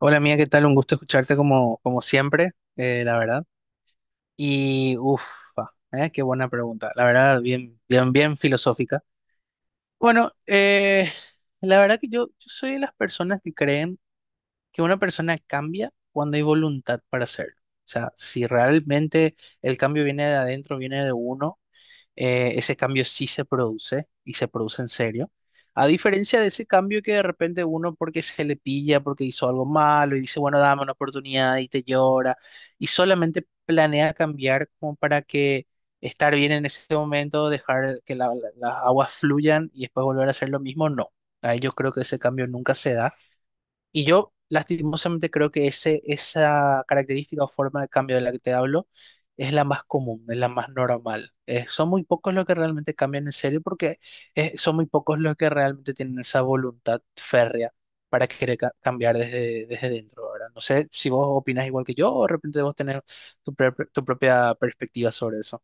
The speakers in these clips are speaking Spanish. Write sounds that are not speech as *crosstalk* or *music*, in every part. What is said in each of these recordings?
Hola mía, ¿qué tal? Un gusto escucharte como siempre, la verdad. Y ufa, qué buena pregunta. La verdad, bien filosófica. Bueno, la verdad que yo soy de las personas que creen que una persona cambia cuando hay voluntad para hacerlo. O sea, si realmente el cambio viene de adentro, viene de uno, ese cambio sí se produce y se produce en serio. A diferencia de ese cambio que de repente uno porque se le pilla, porque hizo algo malo y dice, bueno, dame una oportunidad y te llora y solamente planea cambiar como para que estar bien en ese momento, dejar que las aguas fluyan y después volver a hacer lo mismo, no. Ahí yo creo que ese cambio nunca se da. Y yo lastimosamente creo que esa característica o forma de cambio de la que te hablo es la más común, es la más normal. Son muy pocos los que realmente cambian en serio porque son muy pocos los que realmente tienen esa voluntad férrea para querer cambiar desde dentro, ¿verdad? No sé si vos opinás igual que yo o de repente vos tenés tu propia perspectiva sobre eso.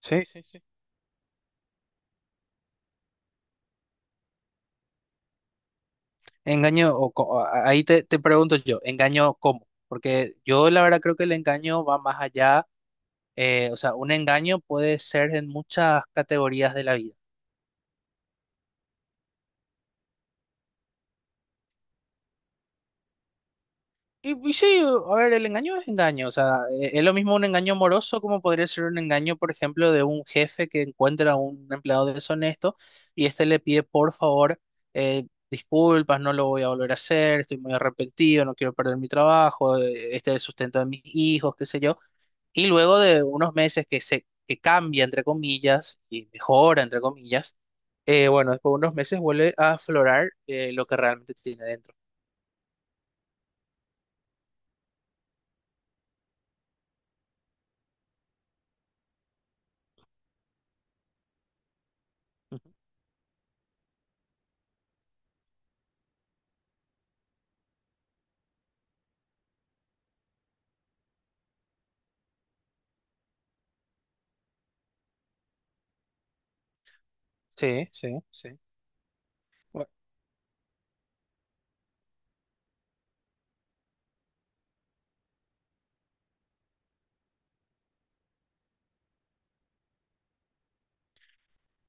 Sí, sí, sí. Engaño, ahí te pregunto yo, ¿engaño cómo? Porque yo la verdad creo que el engaño va más allá. O sea, un engaño puede ser en muchas categorías de la vida. Y sí, a ver, el engaño es engaño. O sea, es lo mismo un engaño amoroso como podría ser un engaño, por ejemplo, de un jefe que encuentra a un empleado deshonesto y este le pide, por favor, eh, disculpas, no lo voy a volver a hacer, estoy muy arrepentido, no quiero perder mi trabajo, este es el sustento de mis hijos, qué sé yo. Y luego de unos meses que cambia, entre comillas, y mejora, entre comillas, bueno, después de unos meses vuelve a aflorar lo que realmente tiene dentro. Ujú. Sí, sí, sí. Bueno,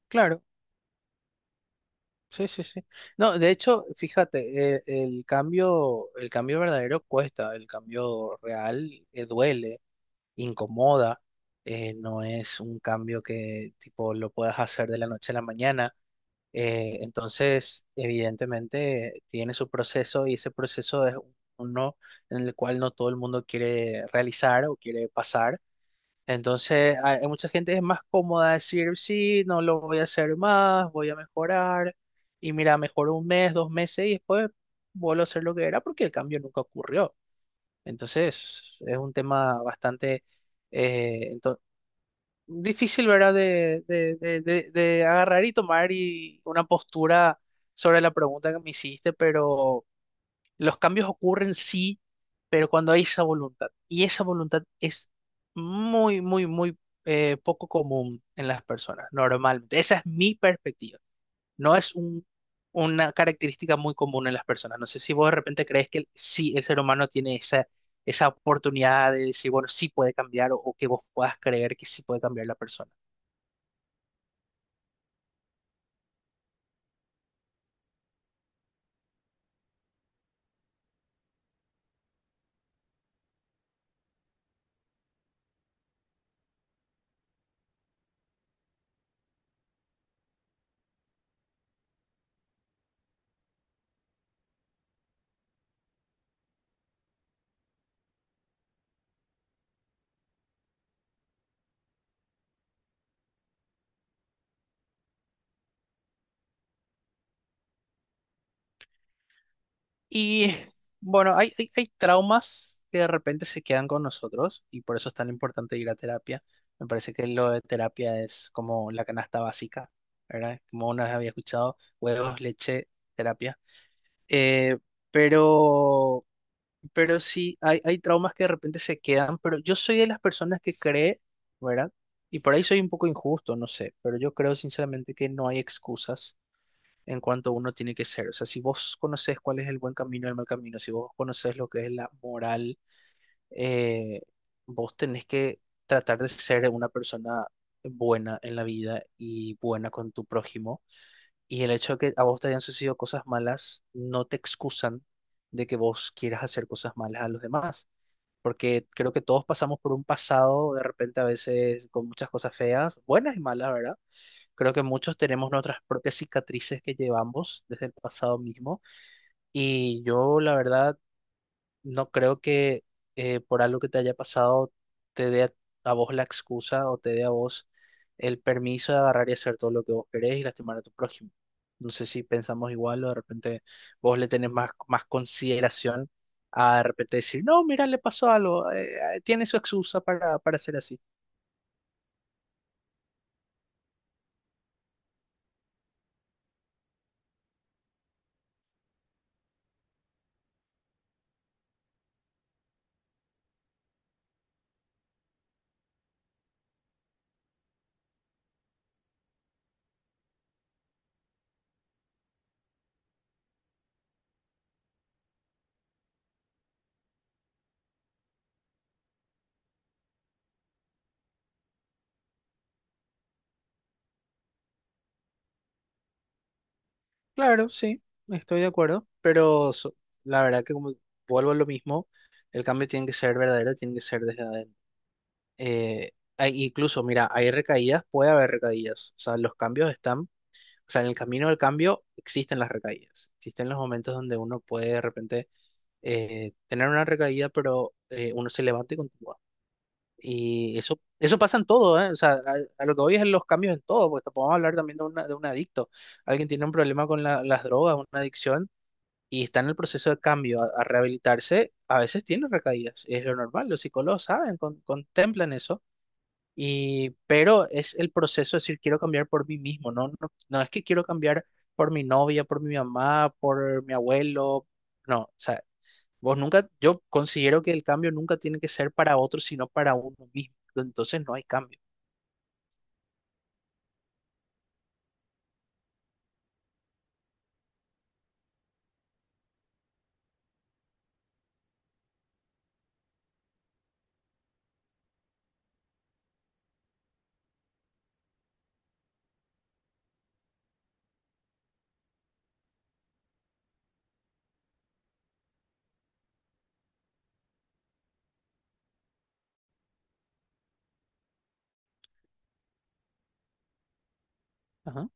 claro, sí, sí, sí. No, de hecho, fíjate, el cambio verdadero cuesta, el cambio real, duele, incomoda, no es un cambio que tipo lo puedas hacer de la noche a la mañana. Entonces, evidentemente, tiene su proceso y ese proceso es uno en el cual no todo el mundo quiere realizar o quiere pasar. Entonces, hay mucha gente que es más cómoda decir, sí, no lo voy a hacer más, voy a mejorar. Y mira, mejoró un mes, dos meses y después vuelvo a hacer lo que era porque el cambio nunca ocurrió. Entonces, es un tema bastante, eh, difícil, ¿verdad? De, de agarrar y tomar y una postura sobre la pregunta que me hiciste, pero los cambios ocurren sí, pero cuando hay esa voluntad. Y esa voluntad es muy, muy, muy, poco común en las personas, normalmente. Esa es mi perspectiva. No es una característica muy común en las personas. No sé si vos de repente crees que sí, el ser humano tiene esa esa oportunidad de decir, bueno, sí puede cambiar o que vos puedas creer que sí puede cambiar la persona. Y *laughs* bueno, hay traumas que de repente se quedan con nosotros y por eso es tan importante ir a terapia. Me parece que lo de terapia es como la canasta básica, ¿verdad? Como una vez había escuchado, huevos, leche, terapia. Eh, pero, pero sí, hay traumas que de repente se quedan, pero yo soy de las personas que cree, ¿verdad? Y por ahí soy un poco injusto, no sé, pero yo creo sinceramente que no hay excusas en cuanto uno tiene que ser. O sea, si vos conoces cuál es el buen camino y el mal camino, si vos conoces lo que es la moral, eh, vos tenés que tratar de ser una persona buena en la vida y buena con tu prójimo. Y el hecho de que a vos te hayan sucedido cosas malas no te excusan de que vos quieras hacer cosas malas a los demás. Porque creo que todos pasamos por un pasado de repente a veces con muchas cosas feas, buenas y malas, ¿verdad? Creo que muchos tenemos nuestras propias cicatrices que llevamos desde el pasado mismo y yo la verdad no creo que, por algo que te haya pasado te dé a vos la excusa o te dé a vos el permiso de agarrar y hacer todo lo que vos querés y lastimar a tu prójimo. No sé si pensamos igual o de repente vos le tenés más consideración a de repente decir, no, mira, le pasó algo, tiene su excusa para ser así. Claro, sí, estoy de acuerdo, pero la verdad que como vuelvo a lo mismo, el cambio tiene que ser verdadero, tiene que ser desde adentro. Eh, Incluso, mira, hay recaídas, puede haber recaídas, o sea, los cambios están, o sea, en el camino del cambio existen las recaídas, existen los momentos donde uno puede de repente, tener una recaída, pero uno se levanta y continúa. Y eso pasa en todo, ¿eh? O sea, a lo que voy es los cambios en todo, porque podemos hablar también de, de un adicto. Alguien tiene un problema con las drogas, una adicción y está en el proceso de cambio a rehabilitarse, a veces tiene recaídas. Es lo normal, los psicólogos saben, contemplan eso. Y pero es el proceso de decir, quiero cambiar por mí mismo. No, es que quiero cambiar por mi novia, por mi mamá, por mi abuelo. No, o sea, vos nunca, yo considero que el cambio nunca tiene que ser para otro, sino para uno mismo. Entonces no hay cambio. Ajá.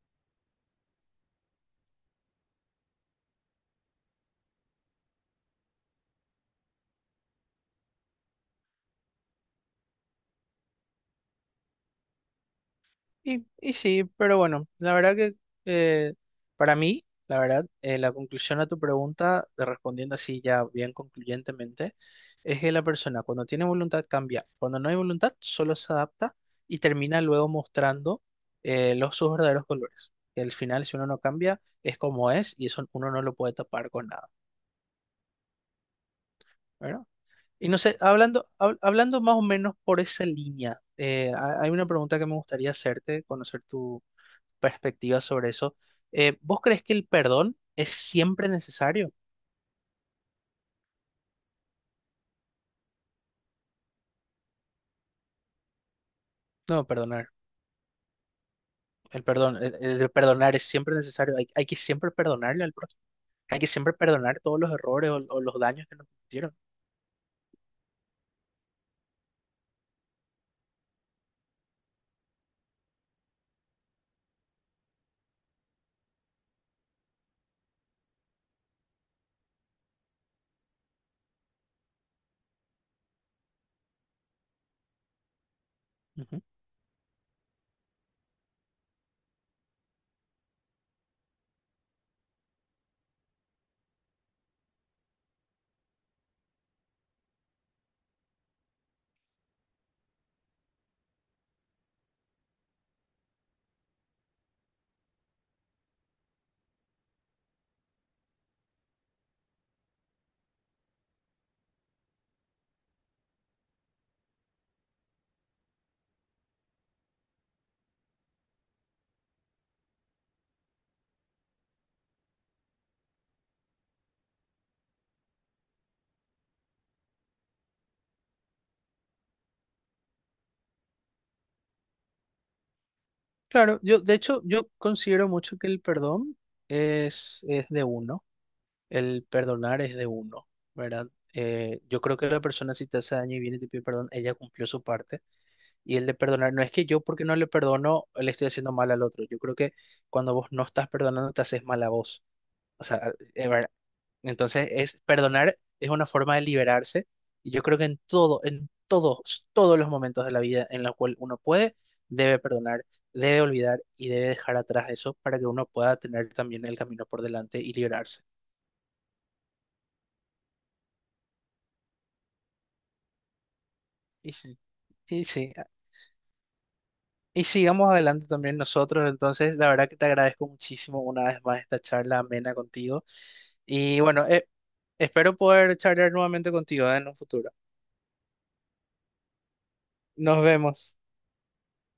Y sí, pero bueno, la verdad que, eh, para mí, la verdad, la conclusión a tu pregunta, de respondiendo así ya bien concluyentemente, es que la persona cuando tiene voluntad cambia, cuando no hay voluntad solo se adapta y termina luego mostrando, los sus verdaderos colores. Y al final, si uno no cambia, es como es y eso uno no lo puede tapar con nada, ¿verdad? Y no sé, hablando más o menos por esa línea, hay una pregunta que me gustaría hacerte, conocer perspectiva sobre eso. ¿Vos crees que el perdón es siempre necesario? No, perdonar. El perdón, el, el perdonar es siempre necesario. Hay que siempre perdonarle al prójimo. Hay que siempre perdonar todos los errores o los daños que nos hicieron. Ujú. Claro, yo de hecho yo considero mucho que el perdón es de uno, el perdonar es de uno, ¿verdad? Yo creo que la persona si te hace daño y viene y te pide perdón, ella cumplió su parte y el de perdonar no es que yo porque no le perdono le estoy haciendo mal al otro, yo creo que cuando vos no estás perdonando te haces mal a vos, o sea, a- entonces, es perdonar es una forma de liberarse y yo creo que en todo, en todos los momentos de la vida en los cuales uno puede, debe perdonar, debe olvidar y debe dejar atrás eso para que uno pueda tener también el camino por delante y liberarse. Y sí, y sí, a- y sigamos adelante también nosotros. Entonces, la verdad que te agradezco muchísimo una vez más esta charla amena contigo y bueno, espero poder charlar nuevamente contigo, en un futuro. Nos vemos.